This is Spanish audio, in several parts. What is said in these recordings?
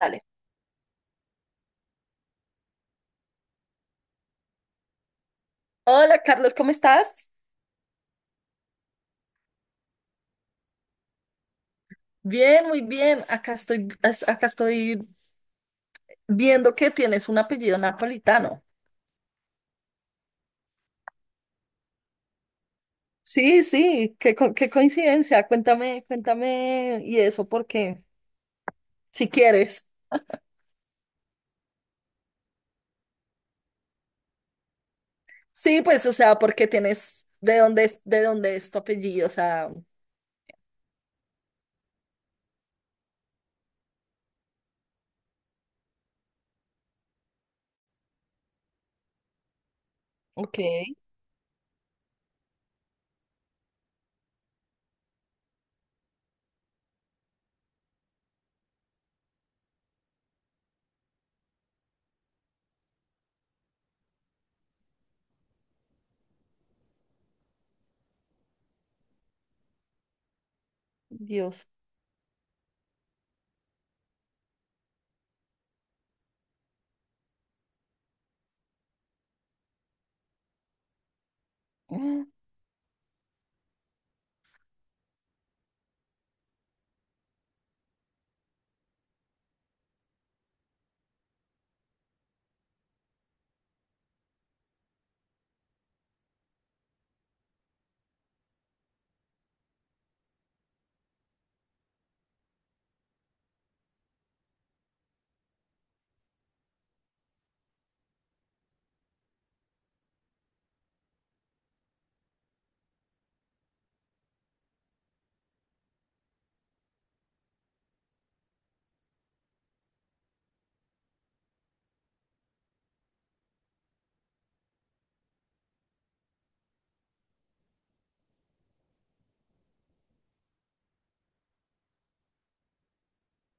Dale. Hola Carlos, ¿cómo estás? Bien, muy bien. Acá estoy viendo que tienes un apellido napolitano. Sí, sí, qué coincidencia. Cuéntame, cuéntame y eso porque si quieres. Sí, pues, o sea, porque tienes de dónde es tu apellido, o sea, ok. Dios.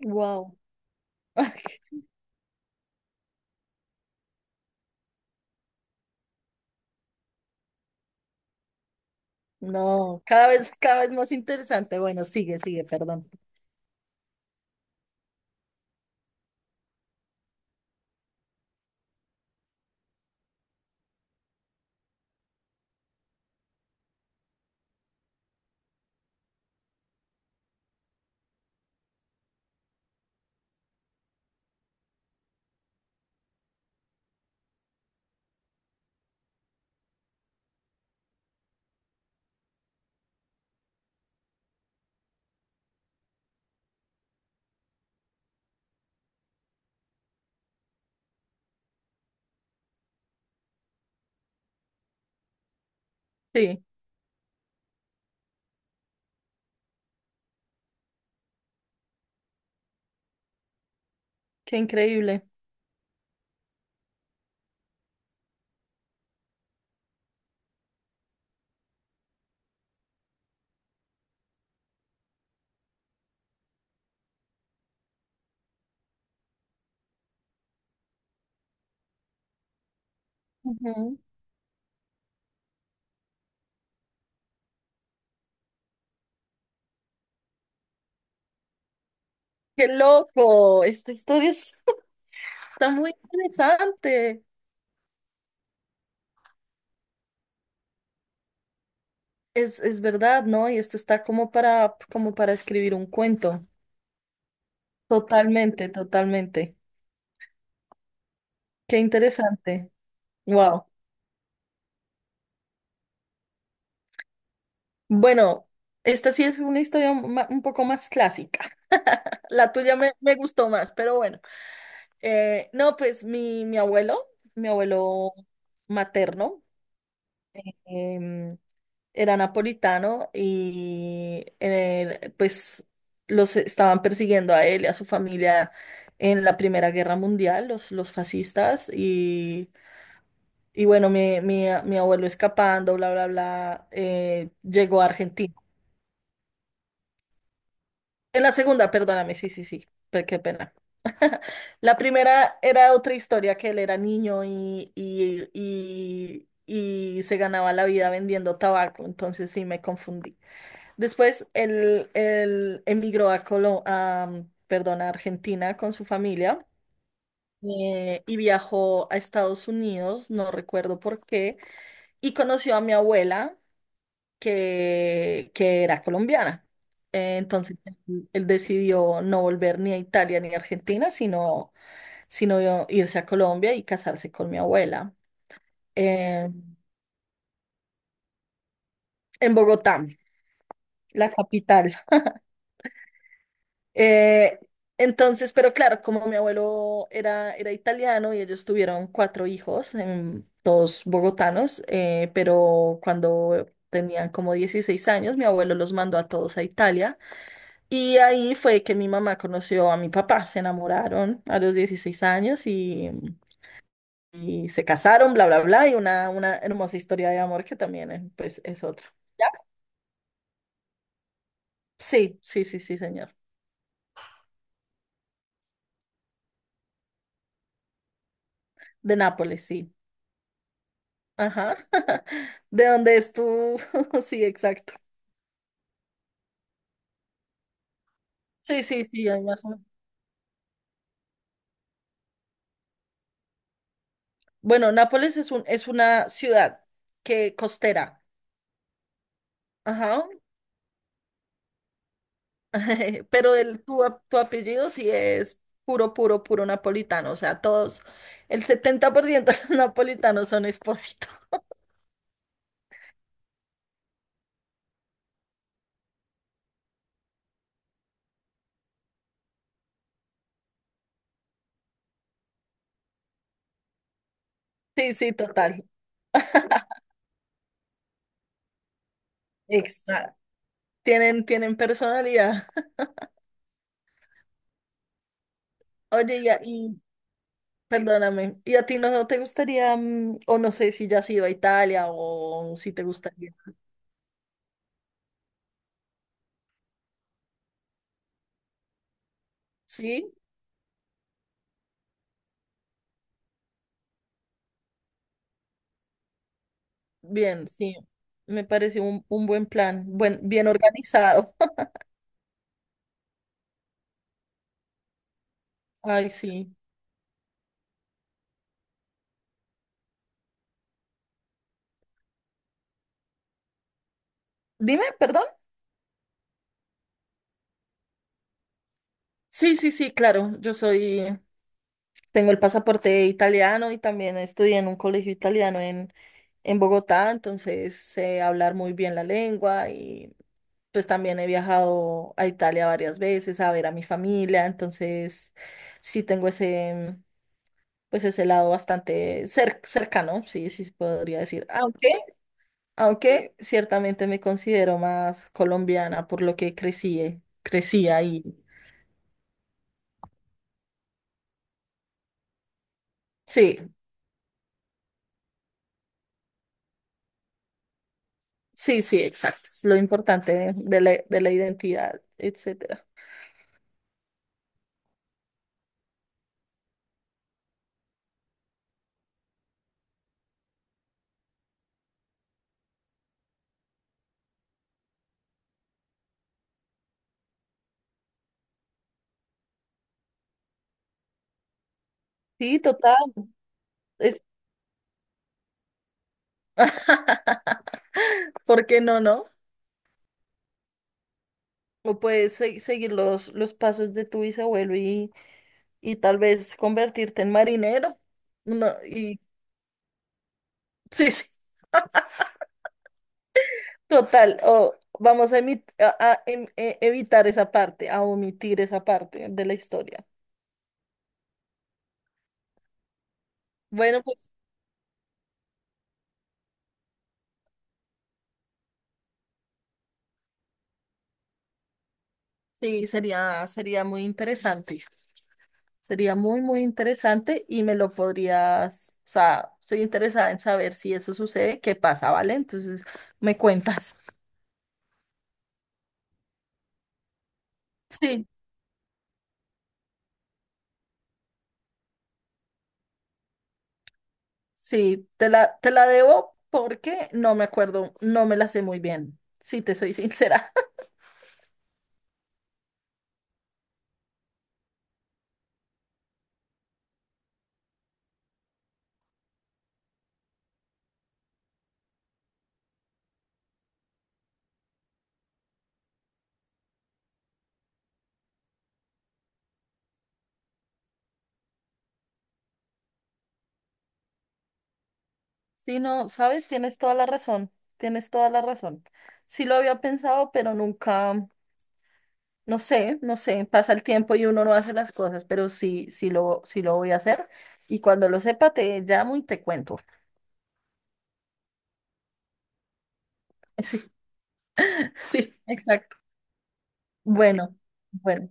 Wow. No, cada vez más interesante. Bueno, sigue, sigue, perdón. Sí, qué increíble. Qué loco, esta historia es- está muy interesante. Es verdad, ¿no? Y esto está como para escribir un cuento. Totalmente, totalmente. Qué interesante. Wow. Bueno, esta sí es una historia ma- un poco más clásica. La tuya me gustó más, pero bueno. No, pues mi abuelo, mi abuelo materno, em, era napolitano y pues los estaban persiguiendo a él y a su familia en la Primera Guerra Mundial, los fascistas, y bueno, mi abuelo escapando, bla, bla, bla, llegó a Argentina. En la segunda, perdóname, sí, sí, sí, qué pena. La primera era otra historia, que él era niño y se ganaba la vida vendiendo tabaco, entonces sí me confundí. Después él emigró a Colo- a, mm, perdón, a Argentina con su familia y viajó a Estados Unidos, no recuerdo por qué, y conoció a mi abuela que era colombiana. Entonces él decidió no volver ni a Italia ni a Argentina, sino irse a Colombia y casarse con mi abuela eh, en Bogotá, la capital. Eh, entonces, pero claro, como mi abuelo era italiano y ellos tuvieron cuatro hijos, todos bogotanos, pero cuando tenían como 16 años, mi abuelo los mandó a todos a Italia y ahí fue que mi mamá conoció a mi papá, se enamoraron a los 16 años y se casaron, bla, bla, bla, y una hermosa historia de amor que también pues, es otra. ¿Ya? Sí, sí, sí, sí, señor. De Nápoles, sí. Ajá. ¿De dónde es tú? Sí, exacto. Sí, sí, sí, hay más o menos. Bueno, Nápoles es una ciudad que costera. Ajá. Pero tu apellido sí es puro, puro, puro napolitano. O sea, todos, el 70% de los napolitanos son expósitos. Sí, sí, total. Exacto. Tienen personalidad. Oye, y perdóname, ¿y a ti no te gustaría, o no sé si ya has ido a Italia o si te gustaría? Sí, bien, sí. Me pareció un buen plan, bien organizado. Ay, sí. Dime, perdón. Sí, sí, sí, claro. Yo soy, tengo el pasaporte italiano y también estudié en un colegio italiano en Bogotá, entonces sé hablar muy bien la lengua y pues también he viajado a Italia varias veces a ver a mi familia, entonces sí tengo ese, pues ese lado bastante cercano, sí, sí se podría decir. Aunque ciertamente me considero más colombiana por lo que crecí, crecí ahí. Sí, sí, sí, exacto. Es lo importante de la, identidad, etcétera. Sí, total. Es. ¿Por qué no, no? O puedes seguir los pasos de tu bisabuelo y tal vez convertirte en marinero. No, y sí, sí, total. O vamos a evitar esa parte, a omitir esa parte de la historia. Bueno, pues. Sí, sería muy interesante. Sería muy, muy interesante y me lo podrías, o sea, estoy interesada en saber si eso sucede, qué pasa, ¿vale? Entonces, me cuentas. Sí, sí, te la, debo porque no me acuerdo, no me la sé muy bien, si te soy sincera. Sí, no, sabes, tienes toda la razón, tienes toda la razón. Sí lo había pensado, pero nunca. No sé, no sé, pasa el tiempo y uno no hace las cosas, pero sí, sí lo, voy a hacer. Y cuando lo sepa, te llamo y te cuento. Sí, sí, exacto. Bueno, bueno.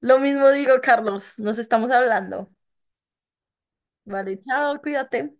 Lo mismo digo, Carlos, nos estamos hablando. Vale, chao, cuídate.